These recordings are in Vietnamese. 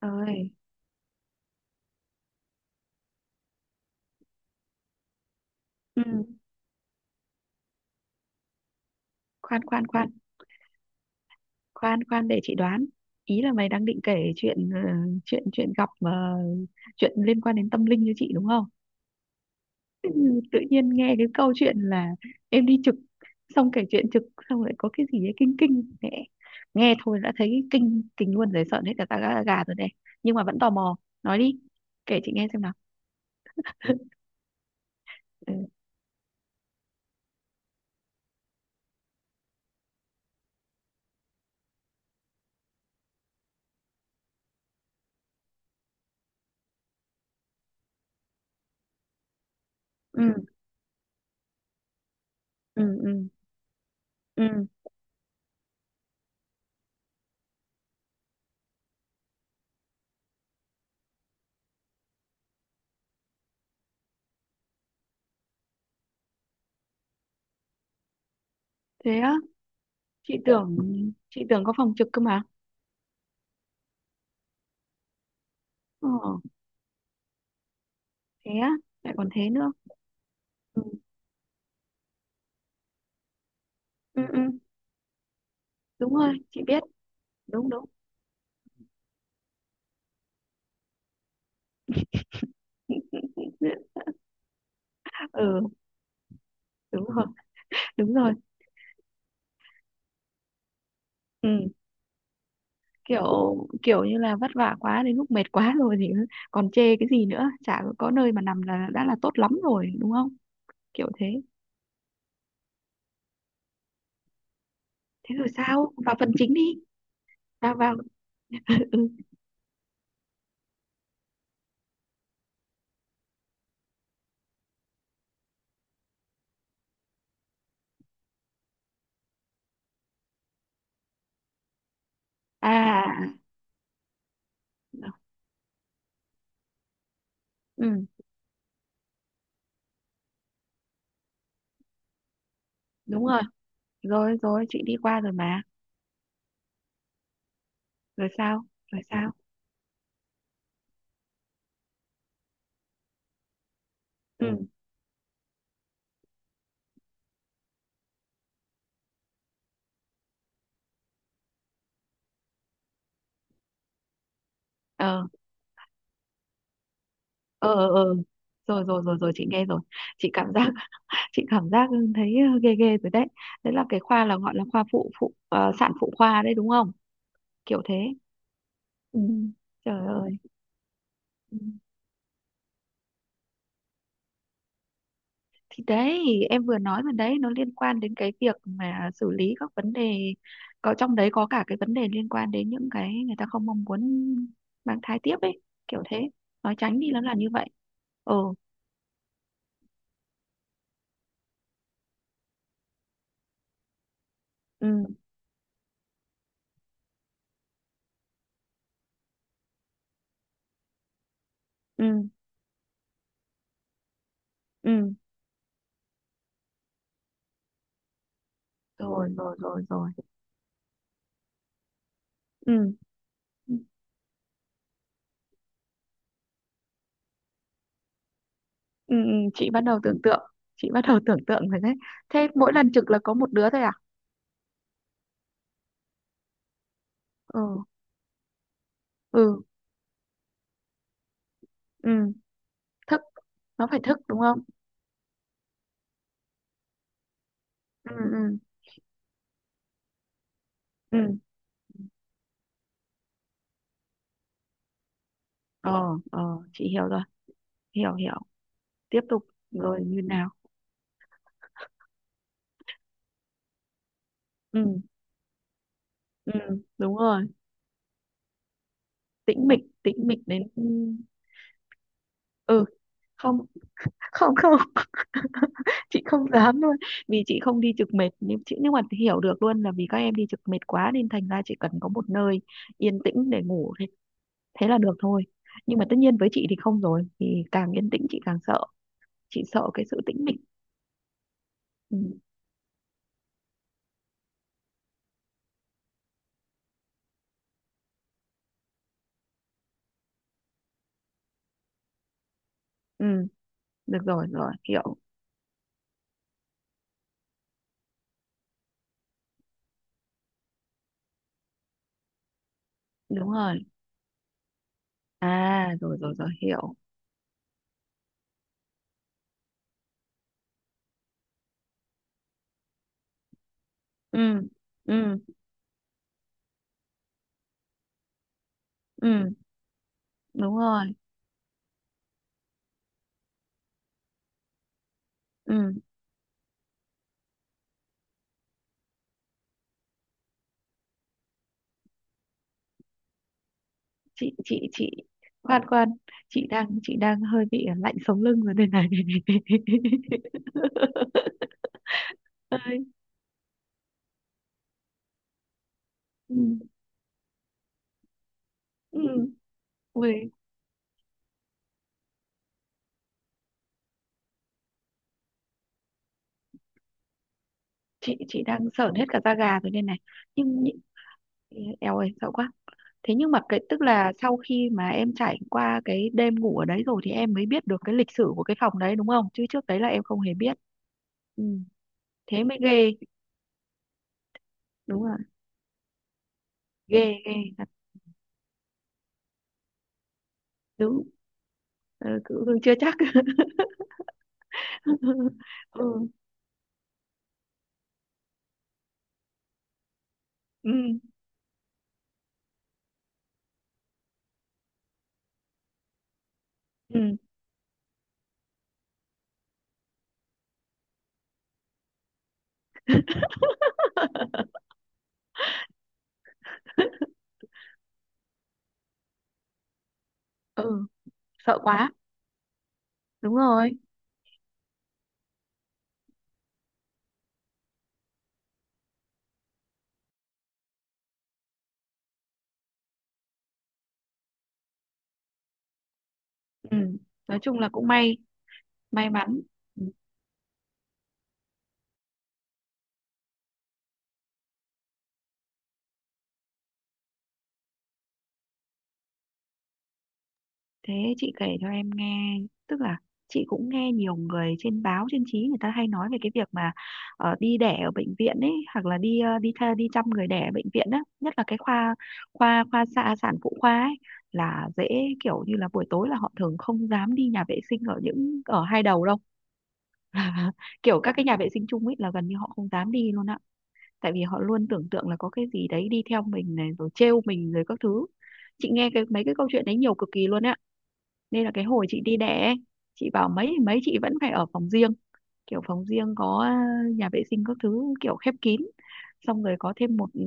Rồi. Ừ. Khoan khoan khoan, khoan khoan để chị đoán. Ý là mày đang định kể chuyện chuyện chuyện gặp mà chuyện liên quan đến tâm linh cho chị đúng không? Ừ, tự nhiên nghe cái câu chuyện là em đi trực xong kể chuyện trực xong lại có cái gì ấy kinh kinh mẹ. Nghe thôi đã thấy kinh kinh luôn rồi, sợn hết cả ta gà gà rồi này. Nhưng mà vẫn tò mò, nói đi. Kể chị nghe xem nào. Ừ, ừ, ừ, ừ, ừ. Thế á, chị tưởng chị tưởng có phòng trực cơ mà. Ờ. Thế á, lại còn thế nữa. Ừ, ừ, ừ, đúng rồi chị biết, đúng đúng. Ừ, đúng rồi, đúng rồi, ừ. kiểu kiểu như là vất vả quá đến lúc mệt quá rồi thì còn chê cái gì nữa, chả có nơi mà nằm là đã là tốt lắm rồi, đúng không? Kiểu thế. Thế rồi sao, vào phần chính đi. Vào vào. Ừ, ừ. À, ừ, đúng rồi, rồi rồi chị đi qua rồi mà. Rồi sao? Rồi sao? Ừ, ờ, ờ, ờ, ờ, rồi rồi rồi rồi chị nghe rồi. Chị cảm giác chị cảm giác thấy ghê ghê rồi đấy. Đấy là cái khoa là gọi là khoa phụ phụ ờ, sản phụ khoa đấy đúng không? Kiểu thế. Ừ. Trời ơi. Ừ, thì đấy, em vừa nói mà đấy, nó liên quan đến cái việc mà xử lý các vấn đề, có trong đấy có cả cái vấn đề liên quan đến những cái người ta không mong muốn mang thai tiếp ấy. Kiểu thế. Nói tránh đi nó là như vậy. Ừ, ừ, ừ, ừ, rồi rồi rồi rồi. Ừ. Ừ, ừ, chị bắt đầu tưởng tượng, rồi đấy. Thế mỗi lần trực là có một đứa thôi à? Ừ, ừ, ừ, thức nó phải thức đúng không? Ừ, ừ, ừ, ờ, ờ, chị hiểu rồi. Hiểu, hiểu. Tiếp tục rồi như nào. Ừ, ừ, đúng rồi. Tĩnh mịch, tĩnh mịch đến. Ừ. Không, không, không. Chị không dám luôn. Vì chị không đi trực mệt nhưng mà hiểu được luôn là vì các em đi trực mệt quá nên thành ra chỉ cần có một nơi yên tĩnh để ngủ thế là được thôi. Nhưng mà tất nhiên với chị thì không rồi, thì càng yên tĩnh chị càng sợ. Chị sợ cái sự tĩnh mịch. Ừ, ừ, được rồi, rồi hiểu, đúng rồi. À, rồi rồi rồi, hiểu. Ừ, ừ, ừ, đúng rồi, ừ. Chị khoan khoan, chị đang hơi bị lạnh sống lưng rồi đây này. Ơi, ừ, ừ. Ui, chị đang sởn hết cả da gà rồi đây này. nhưng nhị- Éo ơi sợ quá. Thế nhưng mà cái, tức là sau khi mà em trải qua cái đêm ngủ ở đấy rồi thì em mới biết được cái lịch sử của cái phòng đấy đúng không? Chứ trước đấy là em không hề biết. Ừ, thế mới ghê, đúng rồi, ghê ghê thật đúng. Ờ, cứ cứ chưa chắc. Ừ, ừ, ừ. Ừ, sợ quá. Đúng rồi. Ừ, nói chung là cũng may, may mắn. Ừ. Thế chị kể cho em nghe, tức là chị cũng nghe nhiều người trên báo trên chí người ta hay nói về cái việc mà đi đẻ ở bệnh viện ấy, hoặc là đi ờ, đi tha, đi chăm người đẻ ở bệnh viện á, nhất là cái khoa, khoa khoa xạ sản phụ khoa ấy là dễ. Kiểu như là buổi tối là họ thường không dám đi nhà vệ sinh ở ở hai đầu đâu. Kiểu các cái nhà vệ sinh chung ấy là gần như họ không dám đi luôn á, tại vì họ luôn tưởng tượng là có cái gì đấy đi theo mình này rồi trêu mình rồi các thứ. Chị nghe cái mấy cái câu chuyện đấy nhiều cực kỳ luôn á, nên là cái hồi chị đi đẻ ấy, chị bảo mấy thì mấy chị vẫn phải ở phòng riêng, kiểu phòng riêng có à, nhà vệ sinh các thứ kiểu khép kín. Xong rồi có thêm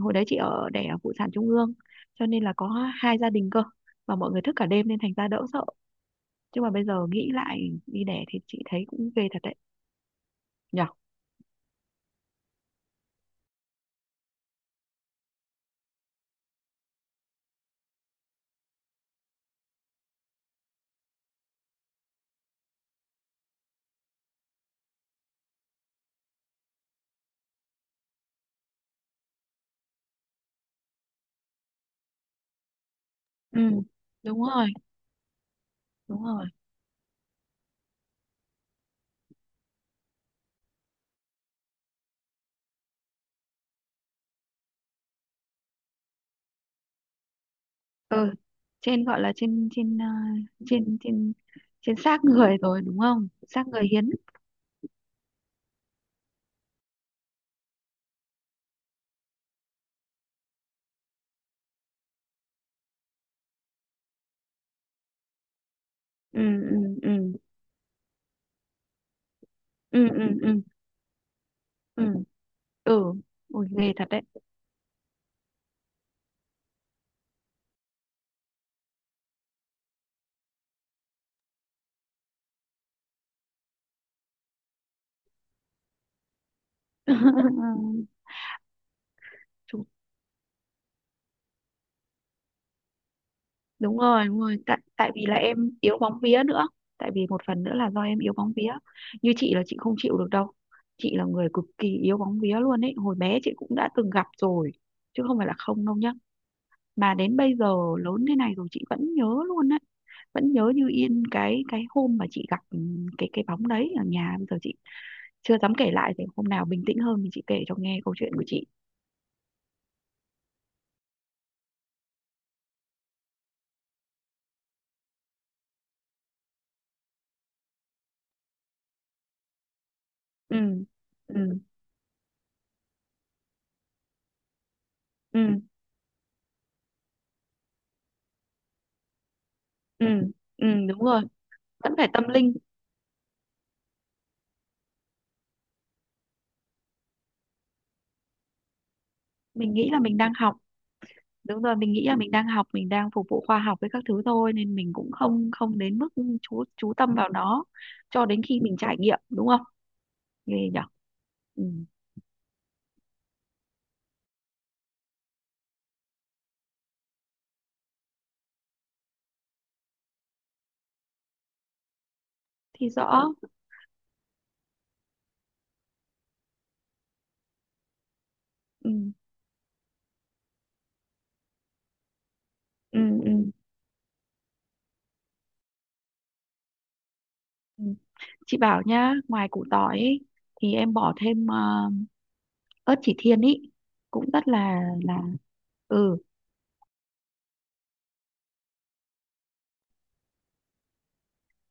hồi đấy chị ở đẻ ở Phụ sản Trung ương, cho nên là có hai gia đình cơ, và mọi người thức cả đêm nên thành ra đỡ sợ. Chứ mà bây giờ nghĩ lại đi đẻ thì chị thấy cũng ghê thật đấy nhở. Ừ, đúng rồi, đúng rồi. Ừ, trên gọi là trên trên à, trên trên trên xác người rồi đúng không, xác người hiến. Ừ, ừ, ừ, ừ, ừ, ừ, ừ, ừ. Ôi ghê thật đấy. Chúng- Đúng rồi, đúng rồi, tại tại vì là em yếu bóng vía nữa. Tại vì một phần nữa là do em yếu bóng vía, như chị là chị không chịu được đâu. Chị là người cực kỳ yếu bóng vía luôn ấy, hồi bé chị cũng đã từng gặp rồi chứ không phải là không đâu nhá, mà đến bây giờ lớn thế này rồi chị vẫn nhớ luôn đấy, vẫn nhớ như yên cái hôm mà chị gặp cái bóng đấy ở nhà. Bây giờ chị chưa dám kể lại, để hôm nào bình tĩnh hơn thì chị kể cho nghe câu chuyện của chị. Ừ, ừ, ừ, ừ, ừ, đúng rồi, vẫn phải tâm linh. Mình nghĩ là mình đang học. Đúng rồi, mình nghĩ là mình đang học, mình đang phục vụ khoa học với các thứ thôi nên mình cũng không không đến mức chú tâm vào nó cho đến khi mình trải nghiệm đúng không. Ghê nhở. Ừ. Thì rõ. Ừ. Ừ. Ừ. Ừ. Chị bảo nhá, ngoài củ tỏi ấy, thì em bỏ thêm ớt chỉ thiên ý, cũng rất là. Ừ.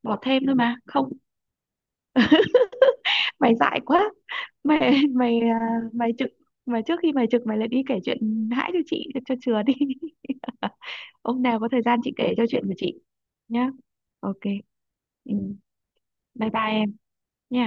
Bỏ thêm thôi mà, không? Mày dại quá. Mày mày à, mày trực mà trước khi mày trực mày lại đi kể chuyện hãi cho chị cho chừa đi. Hôm nào có thời gian chị kể cho chuyện của chị nhá. Ok. Ừ. Bye bye em nhá.